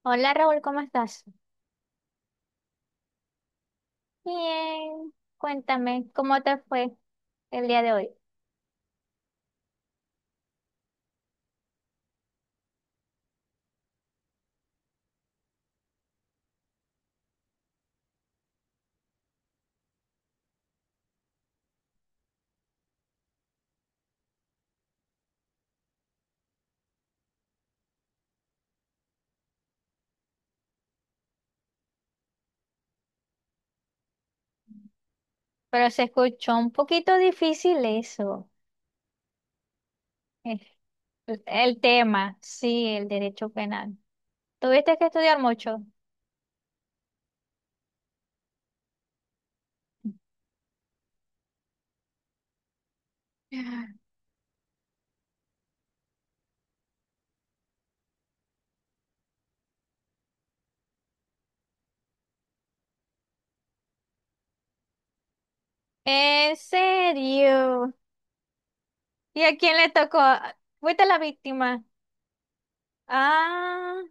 Hola Raúl, ¿cómo estás? Bien, cuéntame, ¿cómo te fue el día de hoy? Pero se escuchó un poquito difícil eso, eh, el tema, sí, el derecho penal. ¿Tuviste que estudiar mucho? ¿En serio? ¿Y a quién le tocó? ¿Fuiste la víctima? Ah,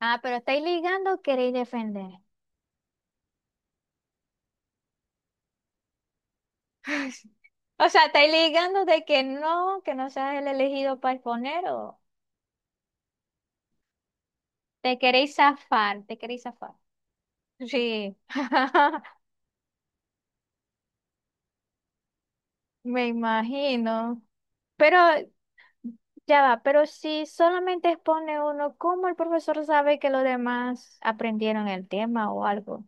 ah, pero estáis ligando, queréis defender. O sea, estáis ligando de que no seas el elegido para exponer o... Te queréis zafar, te queréis zafar. Sí, me imagino. Pero ya va, pero si solamente expone uno, ¿cómo el profesor sabe que los demás aprendieron el tema o algo?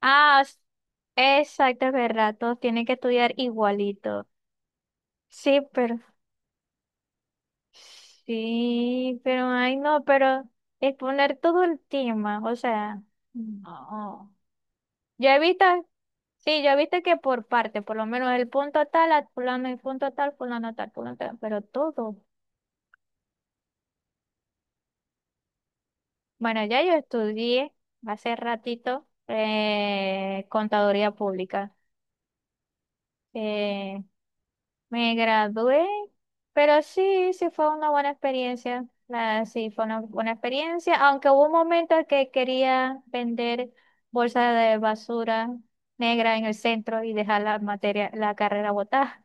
Ah, s- exacto, es verdad, todos tienen que estudiar igualito. Sí, pero sí, pero ay no, pero exponer todo el tema, o sea, no. ¿Ya visto? Sí, ya viste que por parte, por lo menos el punto tal, a fulano, el punto tal, fulano tal, fulano tal, pero todo. Bueno, ya yo estudié hace ratito contaduría pública. Eh, me gradué, pero sí, sí fue una buena experiencia. Sí, fue una buena experiencia, aunque hubo un momento en que quería vender bolsas de basura negra en el centro y dejar la materia, la carrera botada.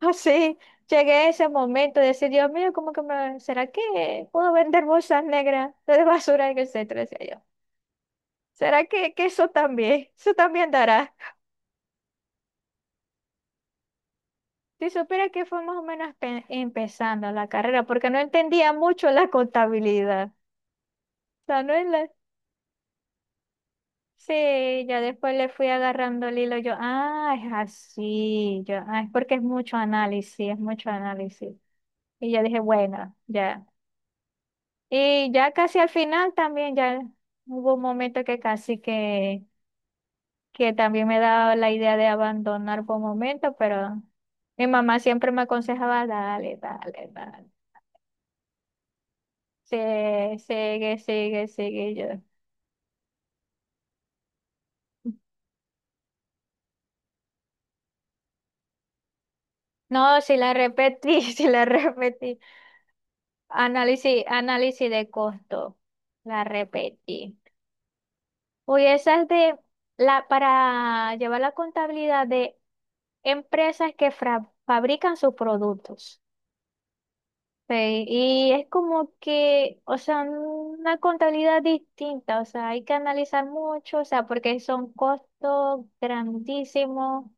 Así llegué a ese momento de decir, Dios mío, ¿cómo que me, será que puedo vender bolsas negras de basura en el centro? Decía yo. ¿Será que eso también dará? Si supiera que fue más o menos empezando la carrera, porque no entendía mucho la contabilidad. O sea, no es Sí, ya después le fui agarrando el hilo, yo, ah, es así, yo, ah, es porque es mucho análisis, es mucho análisis. Y ya dije, bueno, ya. Y ya casi al final también, ya hubo un momento que casi que también me daba la idea de abandonar por un momento, pero mi mamá siempre me aconsejaba, dale, dale, dale, sí sigue, sigue, sigue, y yo. No, si la repetí, si la repetí. Análisis, análisis de costo, la repetí. Uy, esa es de la, para llevar la contabilidad de empresas que fabrican sus productos. Sí, y es como que, o sea, una contabilidad distinta, o sea, hay que analizar mucho, o sea, porque son costos grandísimos, o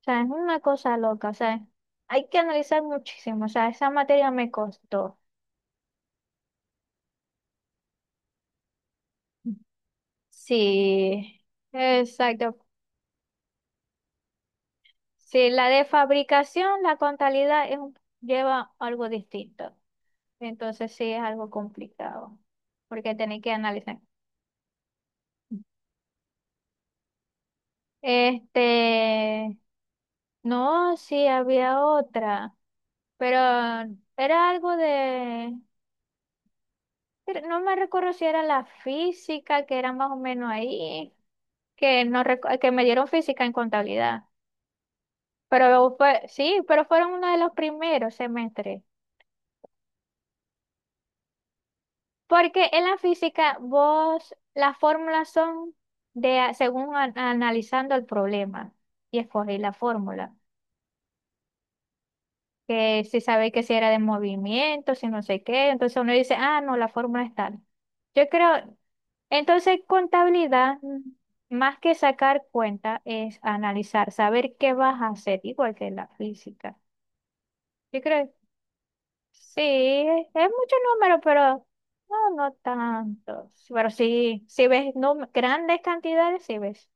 sea, es una cosa loca, o sea, hay que analizar muchísimo, o sea, esa materia me costó. Sí, exacto. Sí, la de fabricación, la contabilidad es lleva algo distinto, entonces sí es algo complicado, porque tenéis que analizar. Este, no, sí, había otra, pero era algo de, pero no me recuerdo si era la física, que era más o menos ahí, que, no, que me dieron física en contabilidad, pero fue, sí, pero fueron uno de los primeros semestres, porque en la física vos, las fórmulas son de, según analizando el problema, y escogí la fórmula. Que si sabe que si era de movimiento, si no sé qué, entonces uno dice, ah, no, la fórmula es tal. Yo creo, entonces contabilidad, más que sacar cuenta, es analizar, saber qué vas a hacer, igual que la física. Yo creo, sí, es mucho número, pero no, no tanto. Pero sí, si ves grandes cantidades, sí ves.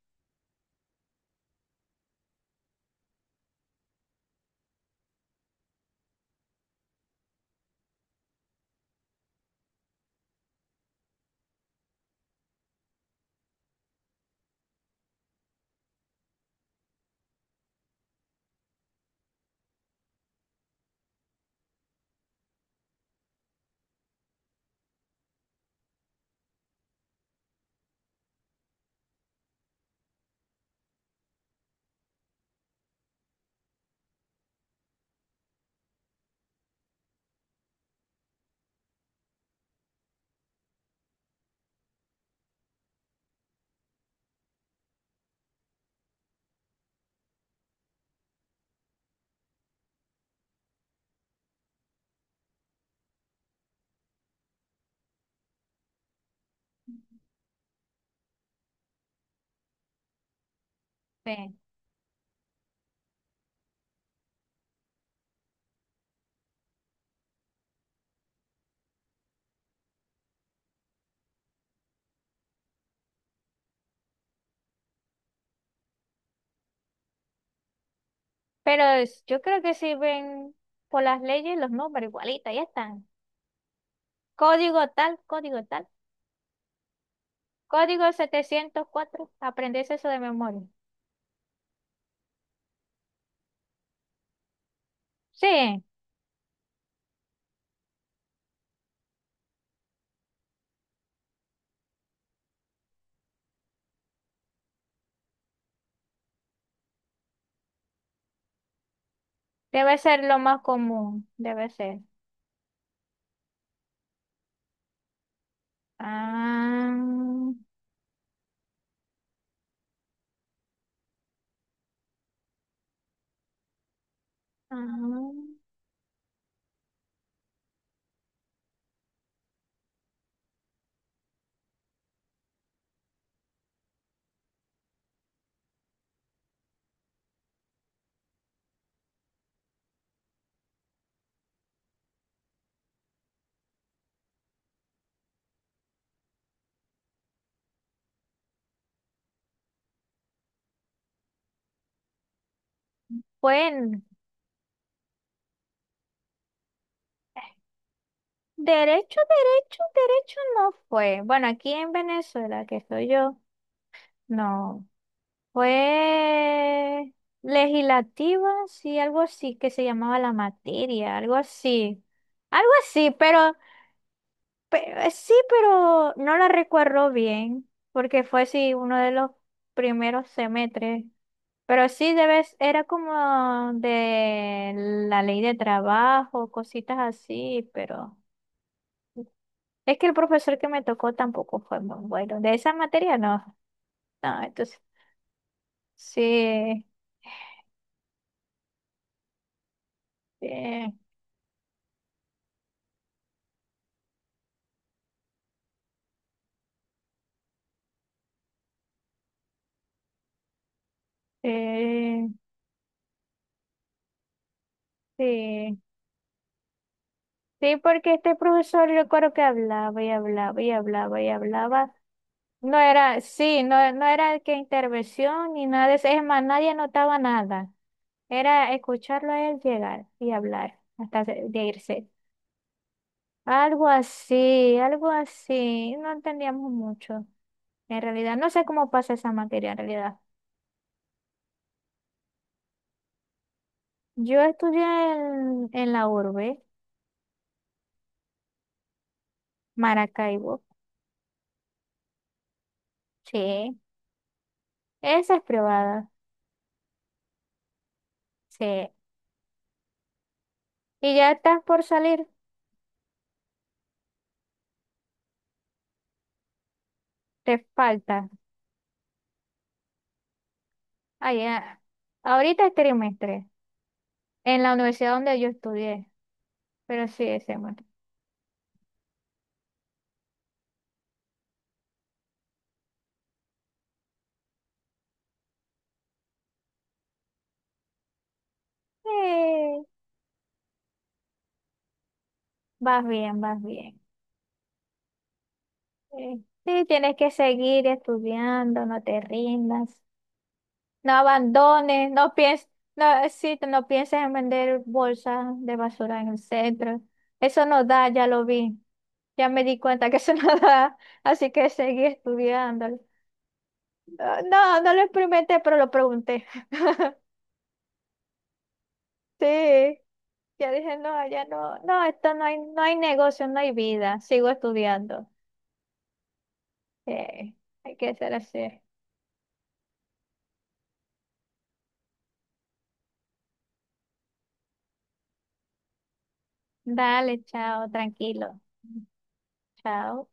Sí. Pero yo creo que si ven por las leyes los números igualitas, ya están. Código tal, código tal. Código 704 aprendes eso de memoria. Sí, debe ser lo más común, debe ser. Ah, ah, bueno, derecho, derecho, derecho no fue. Bueno, aquí en Venezuela, que soy yo, no. Fue legislativa, sí, algo así, que se llamaba la materia, algo así. Algo así, pero, sí, pero no la recuerdo bien, porque fue sí uno de los primeros semestres. Pero sí debes, era como de la ley de trabajo, cositas así, pero es que el profesor que me tocó tampoco fue muy bueno. De esa materia no. No, entonces, sí, sí, sí, sí. Sí, porque este profesor yo recuerdo que hablaba y hablaba y hablaba y hablaba. No era, sí, no, no era que intervención ni nada de eso. Es más, nadie notaba nada. Era escucharlo a él llegar y hablar hasta de irse. Algo así, algo así. No entendíamos mucho. En realidad, no sé cómo pasa esa materia en realidad. Yo estudié en la urbe, Maracaibo. Sí. Esa es privada. Sí. Y ya estás por salir. Te falta. Allá. Ahorita es trimestre. En la universidad donde yo estudié, pero sí, ese bueno. Eh, vas bien, vas bien. Eh, sí, tienes que seguir estudiando, no te rindas, no abandones, no pienses, no, sí, no pienses en vender bolsas de basura en el centro. Eso no da, ya lo vi. Ya me di cuenta que eso no da, así que seguí estudiando. Ah, no, no lo experimenté, pero lo pregunté. Sí. Yo dije, no, ya no, no, esto no hay, no hay negocio, no hay vida, sigo estudiando. Eh, hay que ser así. Dale, chao, tranquilo. Chao.